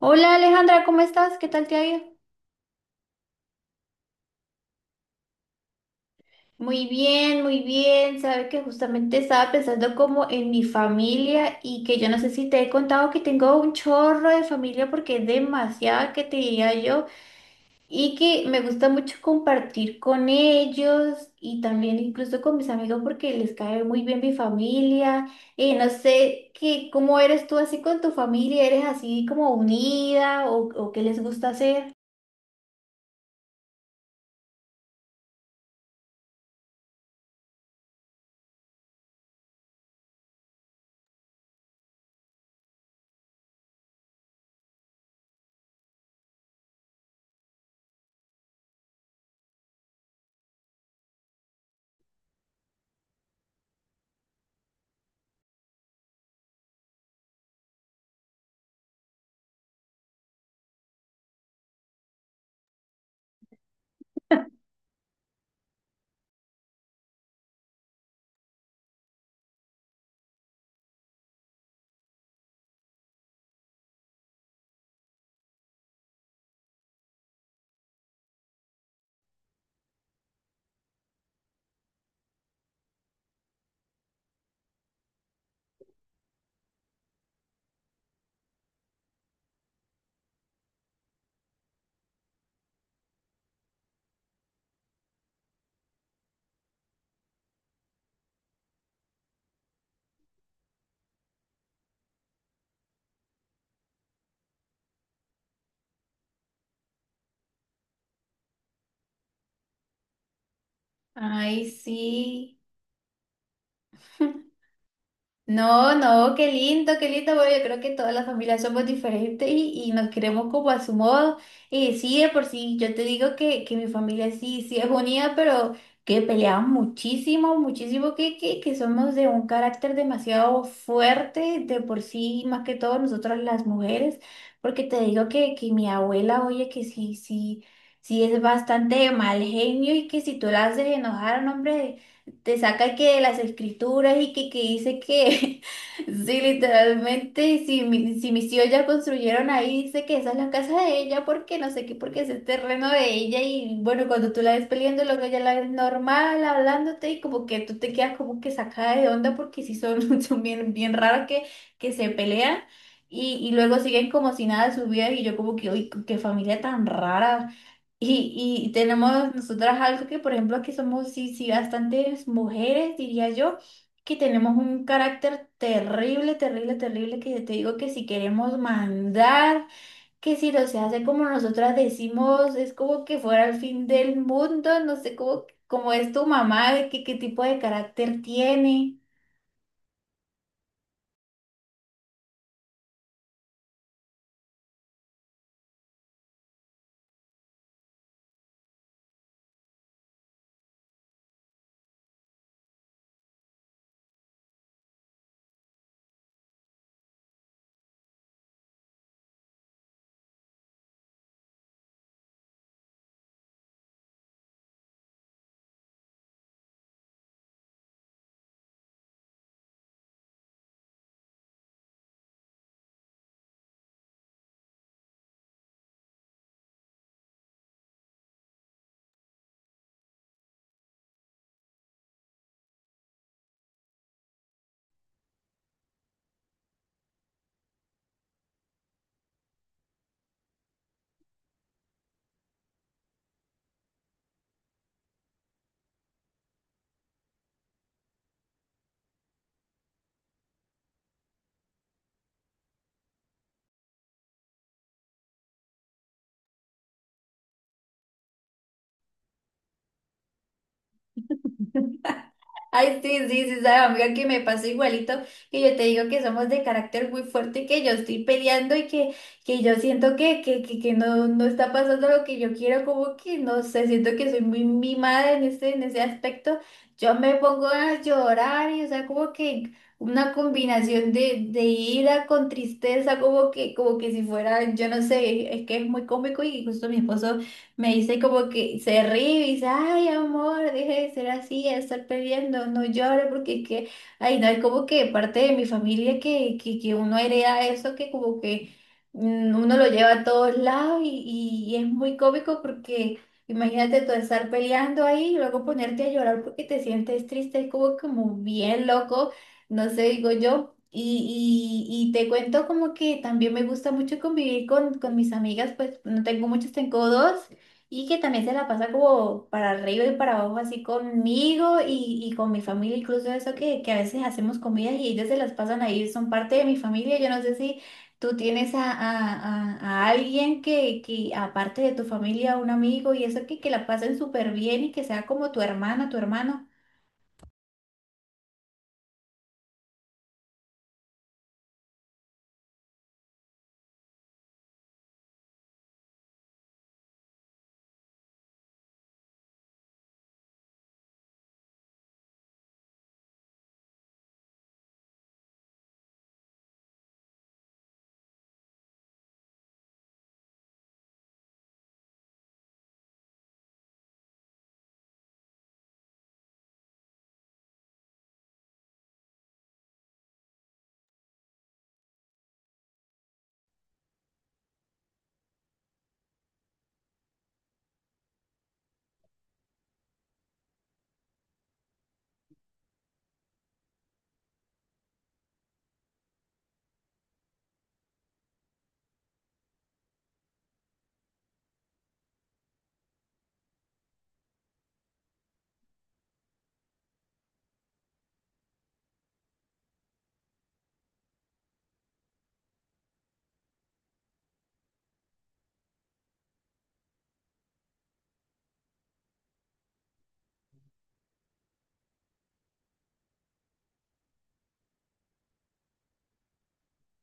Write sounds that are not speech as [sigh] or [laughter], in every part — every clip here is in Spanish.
Hola Alejandra, ¿cómo estás? ¿Qué tal te ha ido? Muy bien, muy bien. Sabe que justamente estaba pensando como en mi familia y que yo no sé si te he contado que tengo un chorro de familia porque es demasiada que te diría yo y que me gusta mucho compartir con ellos y también incluso con mis amigos porque les cae muy bien mi familia. No sé qué, cómo eres tú así con tu familia, ¿eres así como unida o qué les gusta hacer? Ay, sí. No, no, qué lindo, qué lindo. Bueno, yo creo que todas las familias somos diferentes y nos queremos como a su modo. Y sí, de por sí, yo te digo que mi familia sí, sí es unida, pero que peleamos muchísimo, muchísimo, que somos de un carácter demasiado fuerte, de por sí, más que todo nosotras las mujeres, porque te digo que mi abuela, oye, que sí, sí, sí es bastante mal genio y que si tú la haces enojar, no, hombre, te saca que las escrituras y que dice que [laughs] sí, literalmente, si mis tíos ya construyeron ahí, dice que esa es la casa de ella, porque no sé qué, porque es el terreno de ella y bueno, cuando tú la ves peleando, luego ella la ves normal, hablándote y como que tú te quedas como que sacada de onda porque sí son, [laughs] son bien, bien raros que se pelean. Y luego siguen como si nada de su vida y yo como que, uy, qué familia tan rara. Y tenemos nosotras algo que, por ejemplo, que somos, sí, sí, bastantes mujeres, diría yo, que tenemos un carácter terrible, terrible, terrible, que te digo que si queremos mandar, que si no se hace como nosotras decimos, es como que fuera el fin del mundo. No sé cómo es tu mamá, qué tipo de carácter tiene. Ay, sí, sí, sí, sabe, amiga, que me pasó igualito, que yo te digo que somos de carácter muy fuerte, que yo estoy peleando y que yo siento que no, no está pasando lo que yo quiero, como que no sé, siento que soy muy mimada en ese aspecto. Yo me pongo a llorar y, o sea, como que una combinación de ira con tristeza, como que si fuera, yo no sé, es que es muy cómico y justo mi esposo. Me dice como que se ríe y dice, ay, amor, deje de ser así, de estar peleando, no llores, porque es que, ay, no, es como que parte de mi familia que uno hereda eso, que como que uno lo lleva a todos lados y es muy cómico porque imagínate tú estar peleando ahí y luego ponerte a llorar porque te sientes triste, es como bien loco, no sé, digo yo. Y te cuento como que también me gusta mucho convivir con mis amigas. Pues no tengo muchas, tengo dos y que también se la pasa como para arriba y para abajo así conmigo y con mi familia, incluso eso que a veces hacemos comidas y ellos se las pasan ahí, son parte de mi familia. Yo no sé si tú tienes a alguien que aparte de tu familia, un amigo y eso que la pasen súper bien y que sea como tu hermana, tu hermano.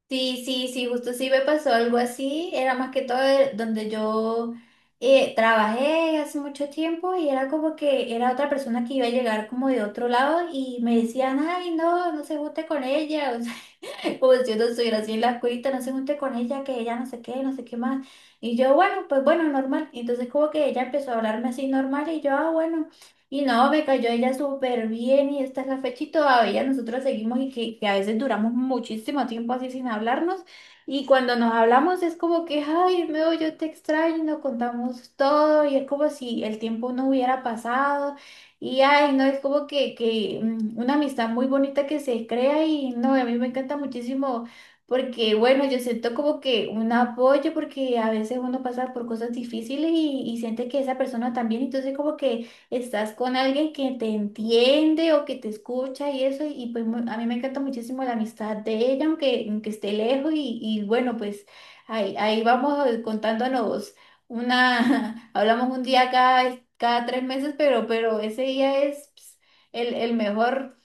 Sí, sí, sí, justo sí me pasó algo así. Era más que todo donde yo trabajé hace mucho tiempo y era como que era otra persona que iba a llegar como de otro lado y me decían, ay, no, no se guste con ella. [laughs] [laughs] Como si yo no estuviera así en la cuita, no se junte con ella, que ella no sé qué, no sé qué más. Y yo, bueno, pues bueno, normal. Entonces como que ella empezó a hablarme así normal y yo, ah, bueno. Y no, me cayó ella súper bien y esta es la fecha y todavía nosotros seguimos y que a veces duramos muchísimo tiempo así sin hablarnos. Y cuando nos hablamos es como que, ay, Meo, yo te extraño, nos contamos todo y es como si el tiempo no hubiera pasado. Y ay, no, es como que una amistad muy bonita que se crea. Y no, a mí me encanta muchísimo porque, bueno, yo siento como que un apoyo porque a veces uno pasa por cosas difíciles y siente que esa persona también. Entonces como que estás con alguien que te entiende o que te escucha y eso, y pues a mí me encanta muchísimo la amistad de ella, aunque esté lejos y bueno, pues ahí vamos contándonos. Una, [laughs] hablamos un día cada 3 meses, pero ese día es ps, el mejor.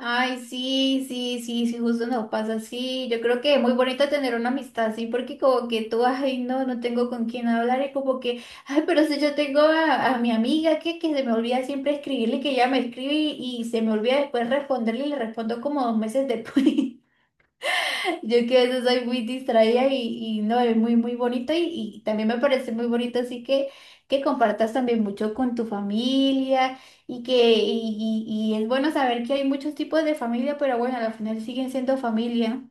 Ay, sí, sí, sí, sí, justo nos pasa así. Yo creo que es muy bonito tener una amistad así, porque como que tú, ay, no, no tengo con quién hablar, y como que, ay, pero si yo tengo a mi amiga que se me olvida siempre escribirle, que ella me escribe y se me olvida después responderle y le respondo como 2 meses después. [laughs] Yo que a veces soy muy distraída y no, es muy, muy bonito y también me parece muy bonito, así que compartas también mucho con tu familia y es bueno saber que hay muchos tipos de familia, pero bueno, al final siguen siendo familia.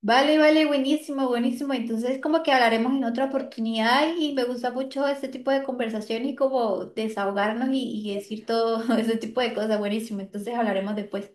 Vale, vale, buenísimo, buenísimo. Entonces como que hablaremos en otra oportunidad y me gusta mucho este tipo de conversación y como desahogarnos y decir todo [laughs] ese tipo de cosas, buenísimo. Entonces hablaremos después.